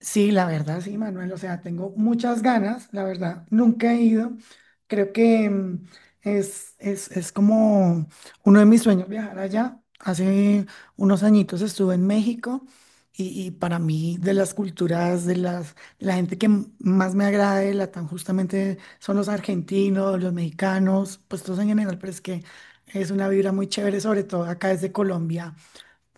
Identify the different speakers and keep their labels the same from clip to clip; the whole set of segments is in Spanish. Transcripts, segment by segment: Speaker 1: Sí, la verdad, sí, Manuel, o sea, tengo muchas ganas, la verdad, nunca he ido. Creo que es como uno de mis sueños viajar allá. Hace unos añitos estuve en México y para mí de las culturas, la gente que más me agrada de Latam justamente son los argentinos, los mexicanos, pues todos en general, pero es que es una vibra muy chévere, sobre todo acá desde Colombia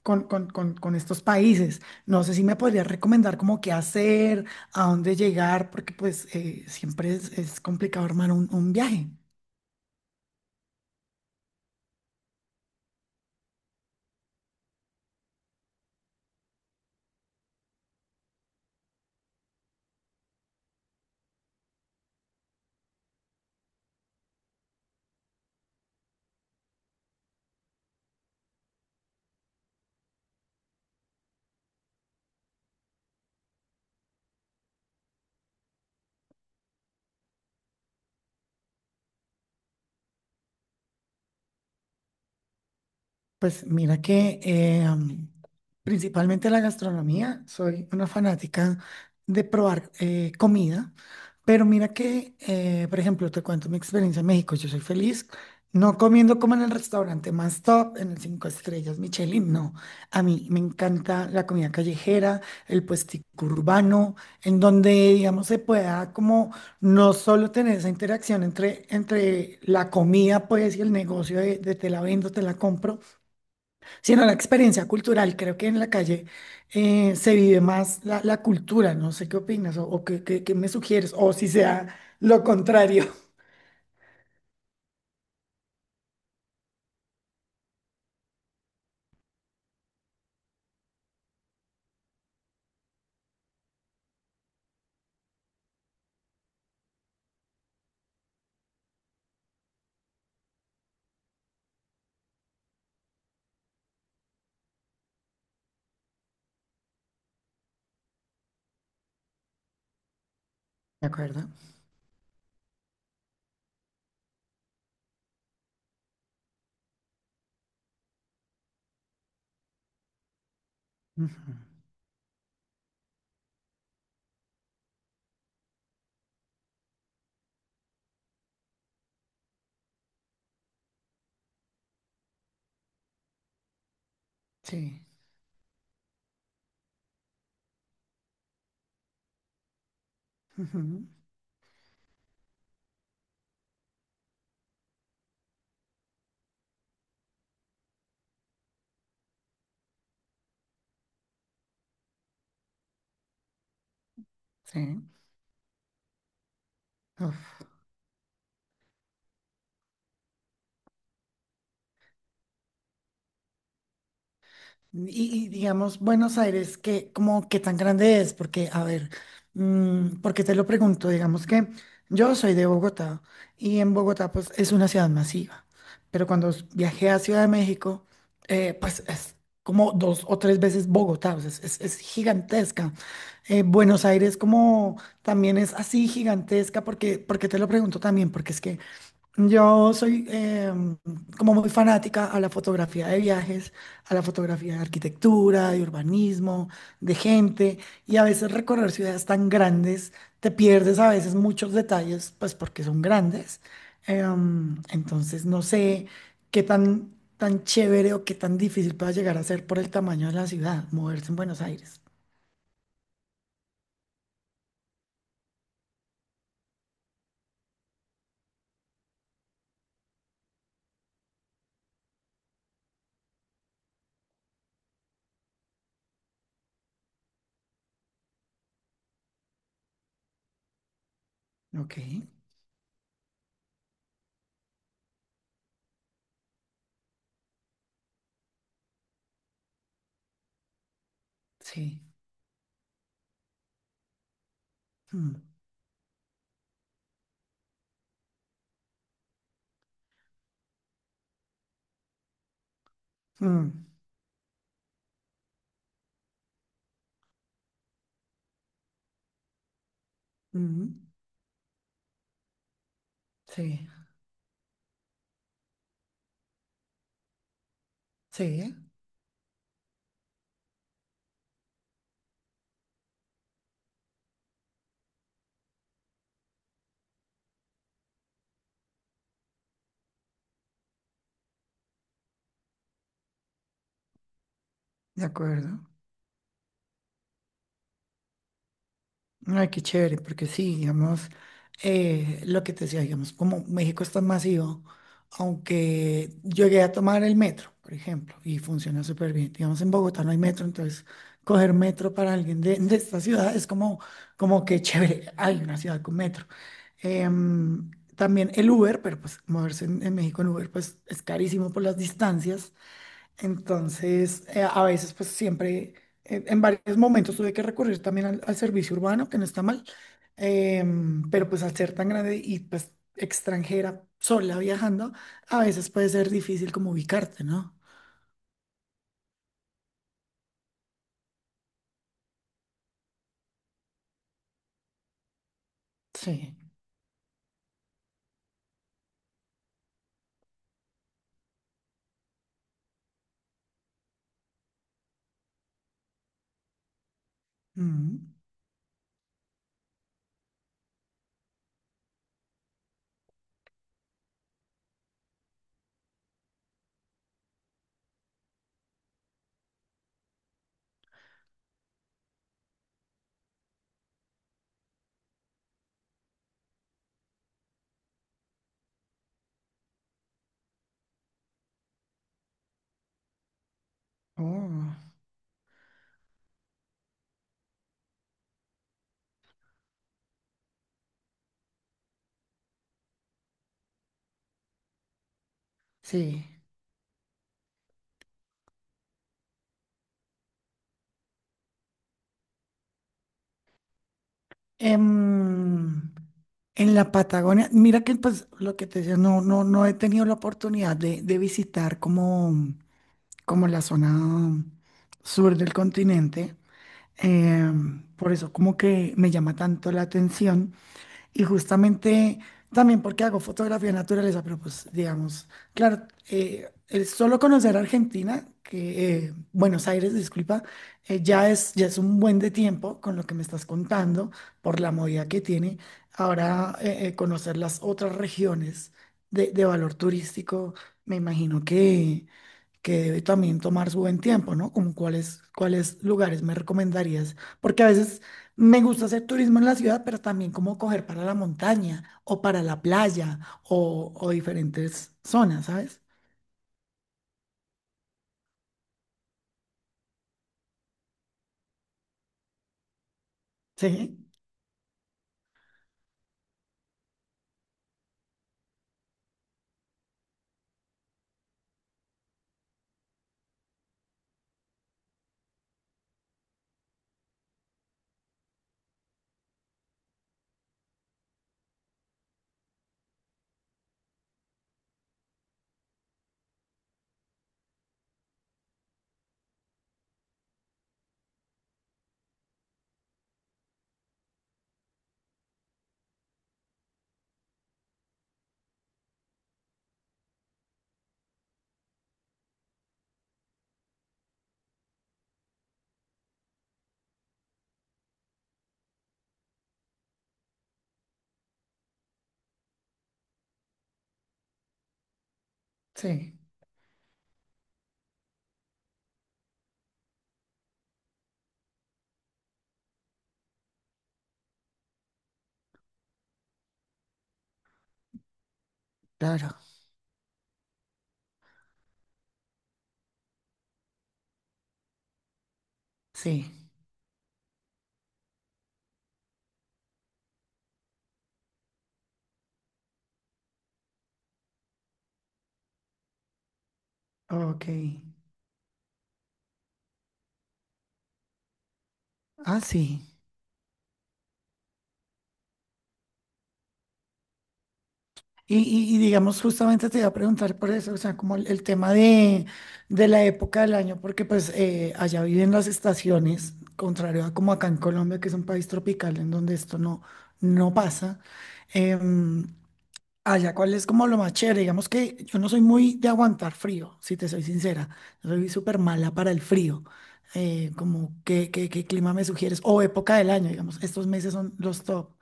Speaker 1: con estos países. No sé si me podrías recomendar como qué hacer, a dónde llegar, porque pues siempre es complicado armar un viaje. Pues mira que principalmente la gastronomía, soy una fanática de probar comida, pero mira que, por ejemplo, te cuento mi experiencia en México, yo soy feliz no comiendo como en el restaurante más top, en el cinco estrellas Michelin, no, a mí me encanta la comida callejera, el puestico urbano, en donde, digamos, se pueda como no solo tener esa interacción entre la comida, pues, y el negocio de te la vendo, te la compro, sino la experiencia cultural. Creo que en la calle se vive más la cultura. No sé qué opinas o qué me sugieres, o si sea lo contrario. ¿De acuerdo? Ujú. Sí. Ujú. Sí. Uf. Y digamos, Buenos Aires, ¿qué, como, qué tan grande es? Porque, a ver, ¿por qué te lo pregunto? Digamos que yo soy de Bogotá y en Bogotá pues es una ciudad masiva, pero cuando viajé a Ciudad de México, pues es como dos o tres veces Bogotá, o sea, es, es gigantesca. Buenos Aires como también es así gigantesca, porque, ¿por qué te lo pregunto también? Porque es que yo soy como muy fanática a la fotografía de viajes, a la fotografía de arquitectura, de urbanismo, de gente, y a veces recorrer ciudades tan grandes, te pierdes a veces muchos detalles, pues porque son grandes. Entonces no sé qué tan chévere o qué tan difícil pueda llegar a ser por el tamaño de la ciudad, moverse en Buenos Aires. Ok, sí. Mm, mm, mm, sí, sí, de acuerdo. Ay, qué chévere, porque sí, digamos, lo que te decía, digamos, como México es tan masivo, aunque llegué a tomar el metro, por ejemplo, y funciona súper bien. Digamos, en Bogotá no hay metro, entonces coger metro para alguien de esta ciudad es como, como que chévere, hay una ciudad con metro. Em, también el Uber, pero pues moverse en México en Uber, pues es carísimo por las distancias. Entonces, a veces, pues siempre, en varios momentos tuve que recurrir también al servicio urbano, que no está mal, pero pues al ser tan grande y pues extranjera, sola viajando, a veces puede ser difícil como ubicarte, ¿no? Sí. Mm. Oh, sí. Em, en la Patagonia, mira que pues lo que te decía, no, no, no he tenido la oportunidad de visitar como la zona sur del continente. Por eso como que me llama tanto la atención y justamente también porque hago fotografía de naturaleza, pero pues digamos, claro, el solo conocer Argentina, que Buenos Aires, disculpa, ya es un buen de tiempo con lo que me estás contando, por la movida que tiene. Ahora conocer las otras regiones de valor turístico, me imagino que debe también tomar su buen tiempo, ¿no? Como cuáles lugares me recomendarías, porque a veces me gusta hacer turismo en la ciudad, pero también como coger para la montaña o para la playa o diferentes zonas, ¿sabes? Sí, sí, claro, sí, ok. Ah, sí. Y digamos, justamente te iba a preguntar por eso, o sea, como el tema de la época del año, porque pues allá viven las estaciones, contrario a como acá en Colombia, que es un país tropical en donde esto no pasa. Em, allá, ¿cuál es como lo más chévere? Digamos que yo no soy muy de aguantar frío, si te soy sincera, soy súper mala para el frío. Como, ¿qué clima me sugieres? O época del año, digamos, estos meses son los top.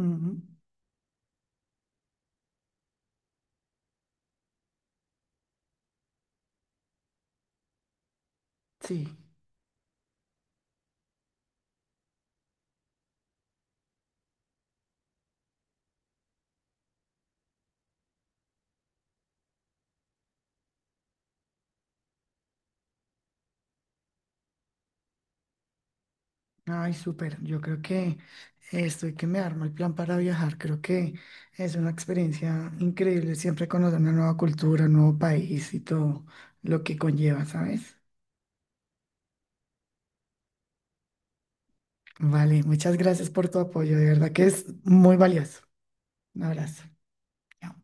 Speaker 1: Ujú, sí. Ay, súper. Yo creo que estoy que me armo el plan para viajar. Creo que es una experiencia increíble siempre conocer una nueva cultura, un nuevo país y todo lo que conlleva, ¿sabes? Vale, muchas gracias por tu apoyo. De verdad que es muy valioso. Un abrazo. Chao.